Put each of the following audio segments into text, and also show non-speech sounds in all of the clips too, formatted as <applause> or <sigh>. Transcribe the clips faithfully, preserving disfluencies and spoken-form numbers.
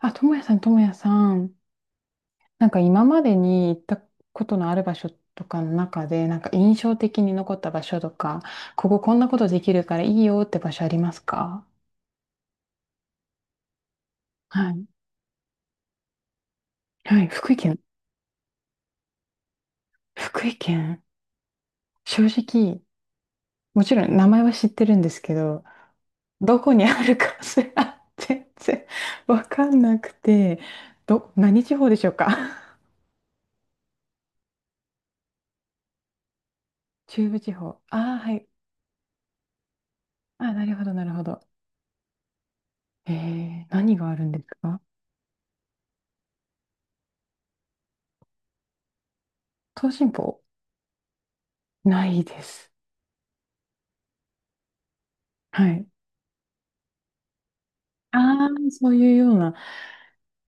あ、ともやさん、ともやさん。なんか今までに行ったことのある場所とかの中で、なんか印象的に残った場所とか、こここんなことできるからいいよって場所ありますか？はい。はい、福井県。福井県。正直、もちろん名前は知ってるんですけど、どこにあるかすら <laughs> 全然わかんなくて、ど、何地方でしょうか？ <laughs> 中部地方。ああ、はい。あーなるほど、なるほど。えー、何があるんですか？東進坊。ないです。はい。ああ、そういうような。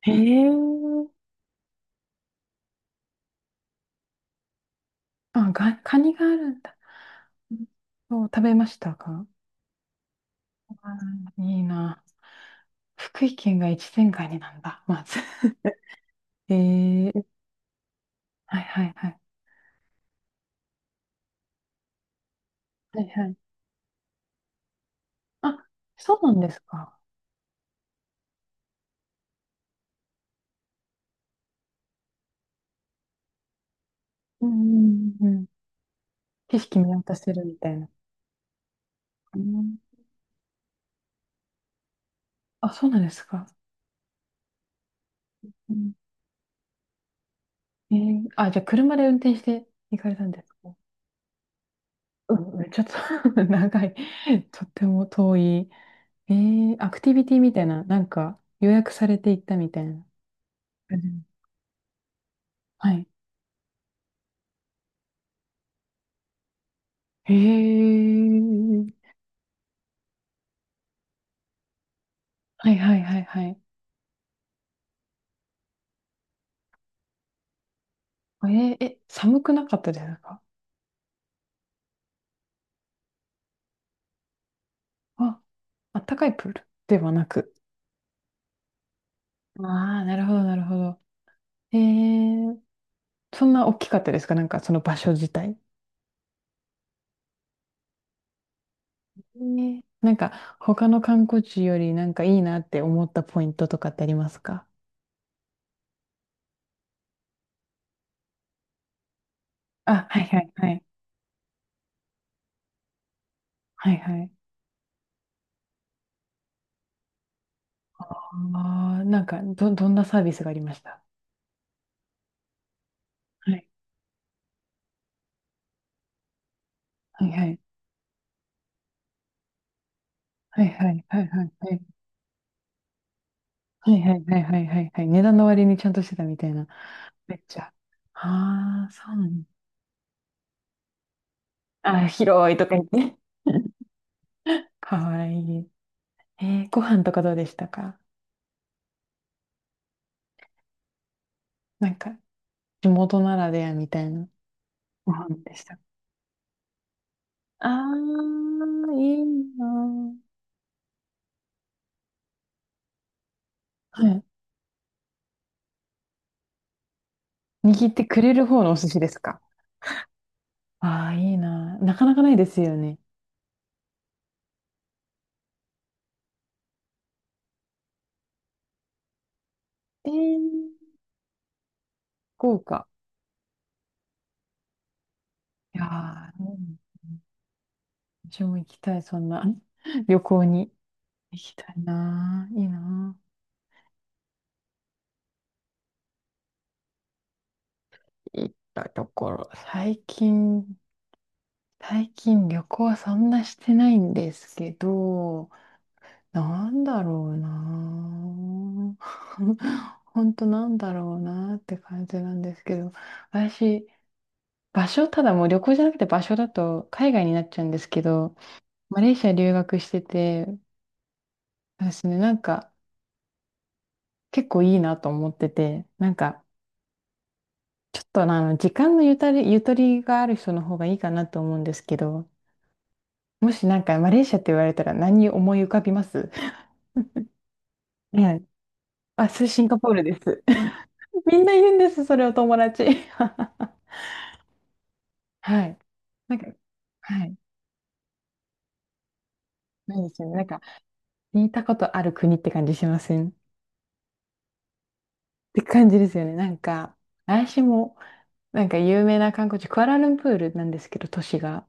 へえ。あ、が、カニがあるんだ。そう、食べましたか？あーいいな。福井県が越前ガニなんだ、まず。<laughs> えー、はいはいはい。はいはい。あ、そうなんですか。うんうんうん。景色見渡せるみたいな。うん。あ、そうなんですか。うん。えー、あ、じゃあ車で運転して行かれたんですか？うん、うん <laughs> ちょっと <laughs> 長い。とっても遠い。えー、アクティビティみたいな、なんか予約されていったみたいな感じ。はい。へえ。はいはいはいはい。えー、え、寒くなかったですか？あ、あったかいプールではなく。ああ、なるほどなるほど。えー、そんな大きかったですか、なんかその場所自体。ね、なんか他の観光地よりなんかいいなって思ったポイントとかってありますか？あ、はいはいはい。はいはい。ああ、なんかど、どんなサービスがありましたはい。はいはい。はいはいはいはいはい。はいはいはいはいはいはい。値段の割にちゃんとしてたみたいな。めっちゃ。ああ、そうなの。あー、広いとか言って。<laughs> かわいい。えー、ご飯とかどうでしたか？なんか、地元ならではみたいなご飯でした。ああ、いいなあ。はい。握ってくれる方のお寿司ですか？ああー、いいなあ。なかなかないですよね。えー、豪華。いやー、うん、私も行きたい、そんな <laughs> 旅行に。行きたいなぁ。いいな。行ったところ。最近、最近旅行はそんなしてないんですけど、なんだろうなぁ。<laughs> ほんとなんだろうなぁって感じなんですけど、私、場所、ただもう旅行じゃなくて場所だと海外になっちゃうんですけど、マレーシア留学してて、私ね、なんか結構いいなと思ってて、なんか、ちょっとあの、時間のゆとり、ゆとりがある人の方がいいかなと思うんですけど、もしなんかマレーシアって言われたら何思い浮かびます？ <laughs> はい。あ、それシンガポールです。<laughs> みんな言うんです、それを友達。<laughs> はい。なんか、はい。ないですよね。なんか、似たことある国って感じしませんって感じですよね。なんか、私も、なんか有名な観光地、クアラルンプールなんですけど、都市が。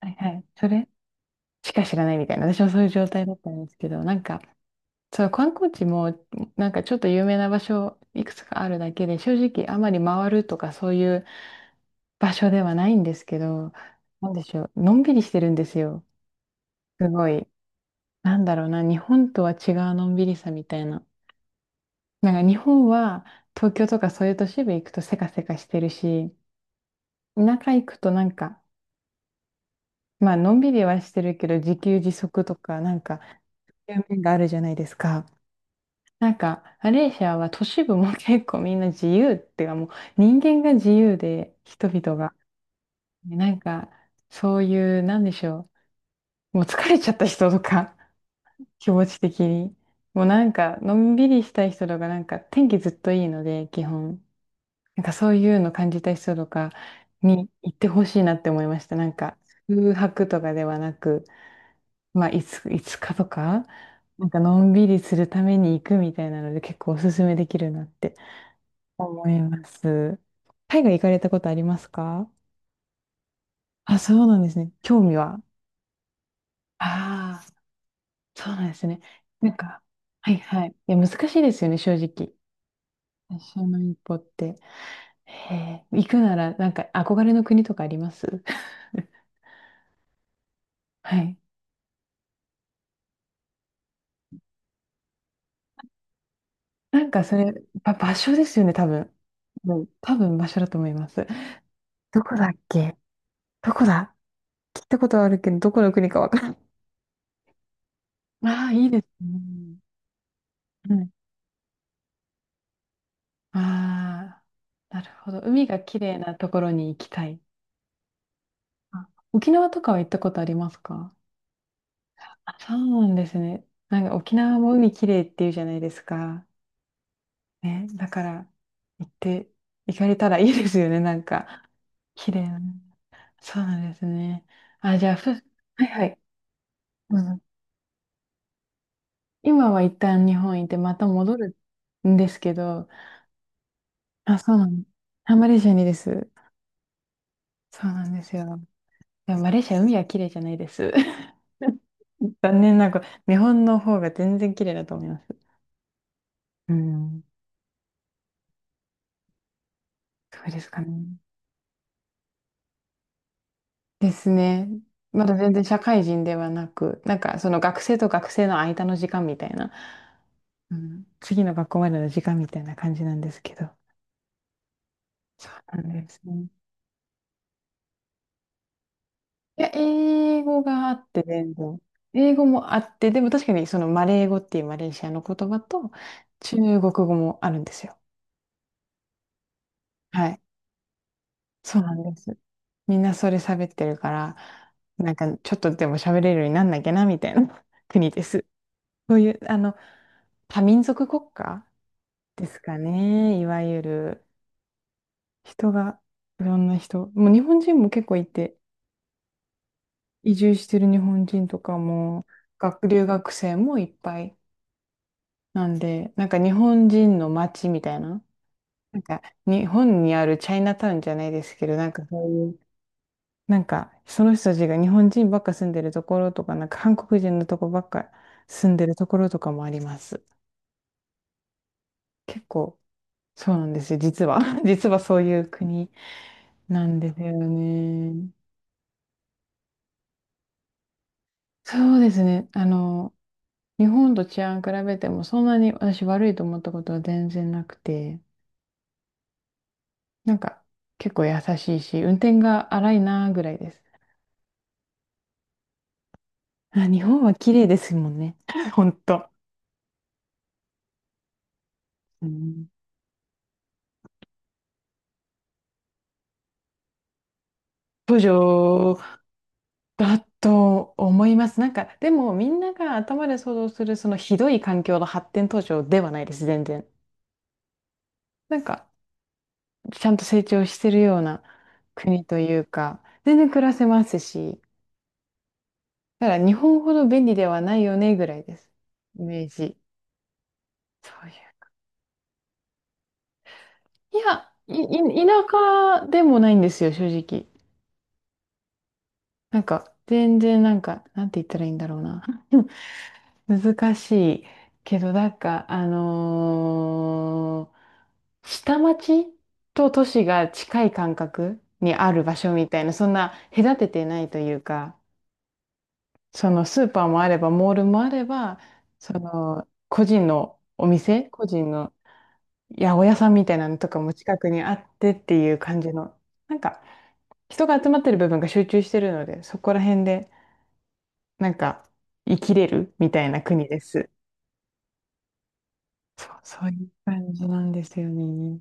はいはい。それしか知らないみたいな、私もそういう状態だったんですけど、なんか、そう、観光地もなんかちょっと有名な場所いくつかあるだけで、正直あまり回るとかそういう場所ではないんですけど、なんでしょう、のんびりしてるんですよ。すごい。なんだろうな、日本とは違うのんびりさみたいな。なんか日本は東京とかそういう都市部行くとせかせかしてるし、田舎行くとなんか、まあのんびりはしてるけど自給自足とかなんか、面があるじゃないですか。なんか、マレーシアは都市部も結構みんな自由っていうか、もう人間が自由で、人々が。なんか、そういう、なんでしょう。もう疲れちゃった人とか、<laughs> 気持ち的に。もうなんか、のんびりしたい人とか、なんか天気ずっといいので、基本。なんかそういうの感じた人とかに行ってほしいなって思いました。なんか、空白とかではなく、まあ、いつ、いつかとか、なんかのんびりするために行くみたいなので、結構おすすめできるなって。思います。海外行かれたことありますか？あ、そうなんですね。興味は。ああ、そうなんですね。なんか、はいはい。いや、難しいですよね、正直。最初の一歩って。へえ、行くなら、なんか、憧れの国とかあります <laughs> はい。なんか、それ、ば、場所ですよね、多分。うん、多分場所だと思います。どこだっけ。どこだ。聞いたことはあるけど、どこの国かわからん。ああ、いいですね。ああ、なるほど。海が綺麗なところに行きたい。あ、沖縄とかは行ったことありますか？あ、そうなんですね。なんか沖縄も海綺麗っていうじゃないですか。ね、だから行って、行かれたらいいですよね、なんか。綺麗な。そうなんですね。あ、じゃあ、ふ、はいはい。うん、今は一旦日本行ってまた戻るんですけど、あ、そうなんあ、マレーシアにです。そうなんですよ。でもマレーシア海は綺麗じゃないです。残念ながら、日本の方が全然綺麗だと思います。うん。そうですかね。ですね。まだ全然社会人ではなく、なんかその学生と学生の間の時間みたいな、うん、次の学校までの時間みたいな感じなんですけど。そうなんですね。いや、英語があって全然。英語もあって、でも確かにそのマレー語っていうマレーシアの言葉と中国語もあるんですよ。はい。そうなんです。みんなそれ喋ってるから、なんかちょっとでも喋れるようになんなきゃなみたいな <laughs> 国です。そういう、あの、多民族国家ですかね、いわゆる。人が、いろんな人、もう日本人も結構いて、移住してる日本人とかも、学、留学生もいっぱい。なんで、なんか日本人の街みたいな、なんか日本にあるチャイナタウンじゃないですけど、なんかそういうなんか、その人たちが日本人ばっか住んでるところとか、なんか韓国人のとこばっか住んでるところとかもあります。結構、そうなんですよ、実は。<laughs> 実はそういう国なんですよね。そうですね。あの、日本と治安比べてもそんなに私悪いと思ったことは全然なくて、なんか結構優しいし、運転が荒いなぐらいです。あ、日本は綺麗ですもんね。<laughs> ほんと。うん。都だと思います。なんか、でもみんなが頭で想像するそのひどい環境の発展途上ではないです、全然。なんか、ちゃんと成長してるような国というか、全然暮らせますし、だから日本ほど便利ではないよねぐらいです。イメージ。そういう。いや、い、い田舎でもないんですよ、正直。なんか、全然なんか、なんて言ったらいいんだろうな。<laughs> 難しいけど、なんか、あのー下町と都市が近い感覚にある場所みたいな、そんな隔ててないというか、そのスーパーもあれば、モールもあれば、その個人のお店、個人の八百屋さんみたいなのとかも近くにあってっていう感じの、なんか人が集まってる部分が集中してるので、そこら辺でなんか生きれるみたいな国です。そう、そういう感じなんですよね。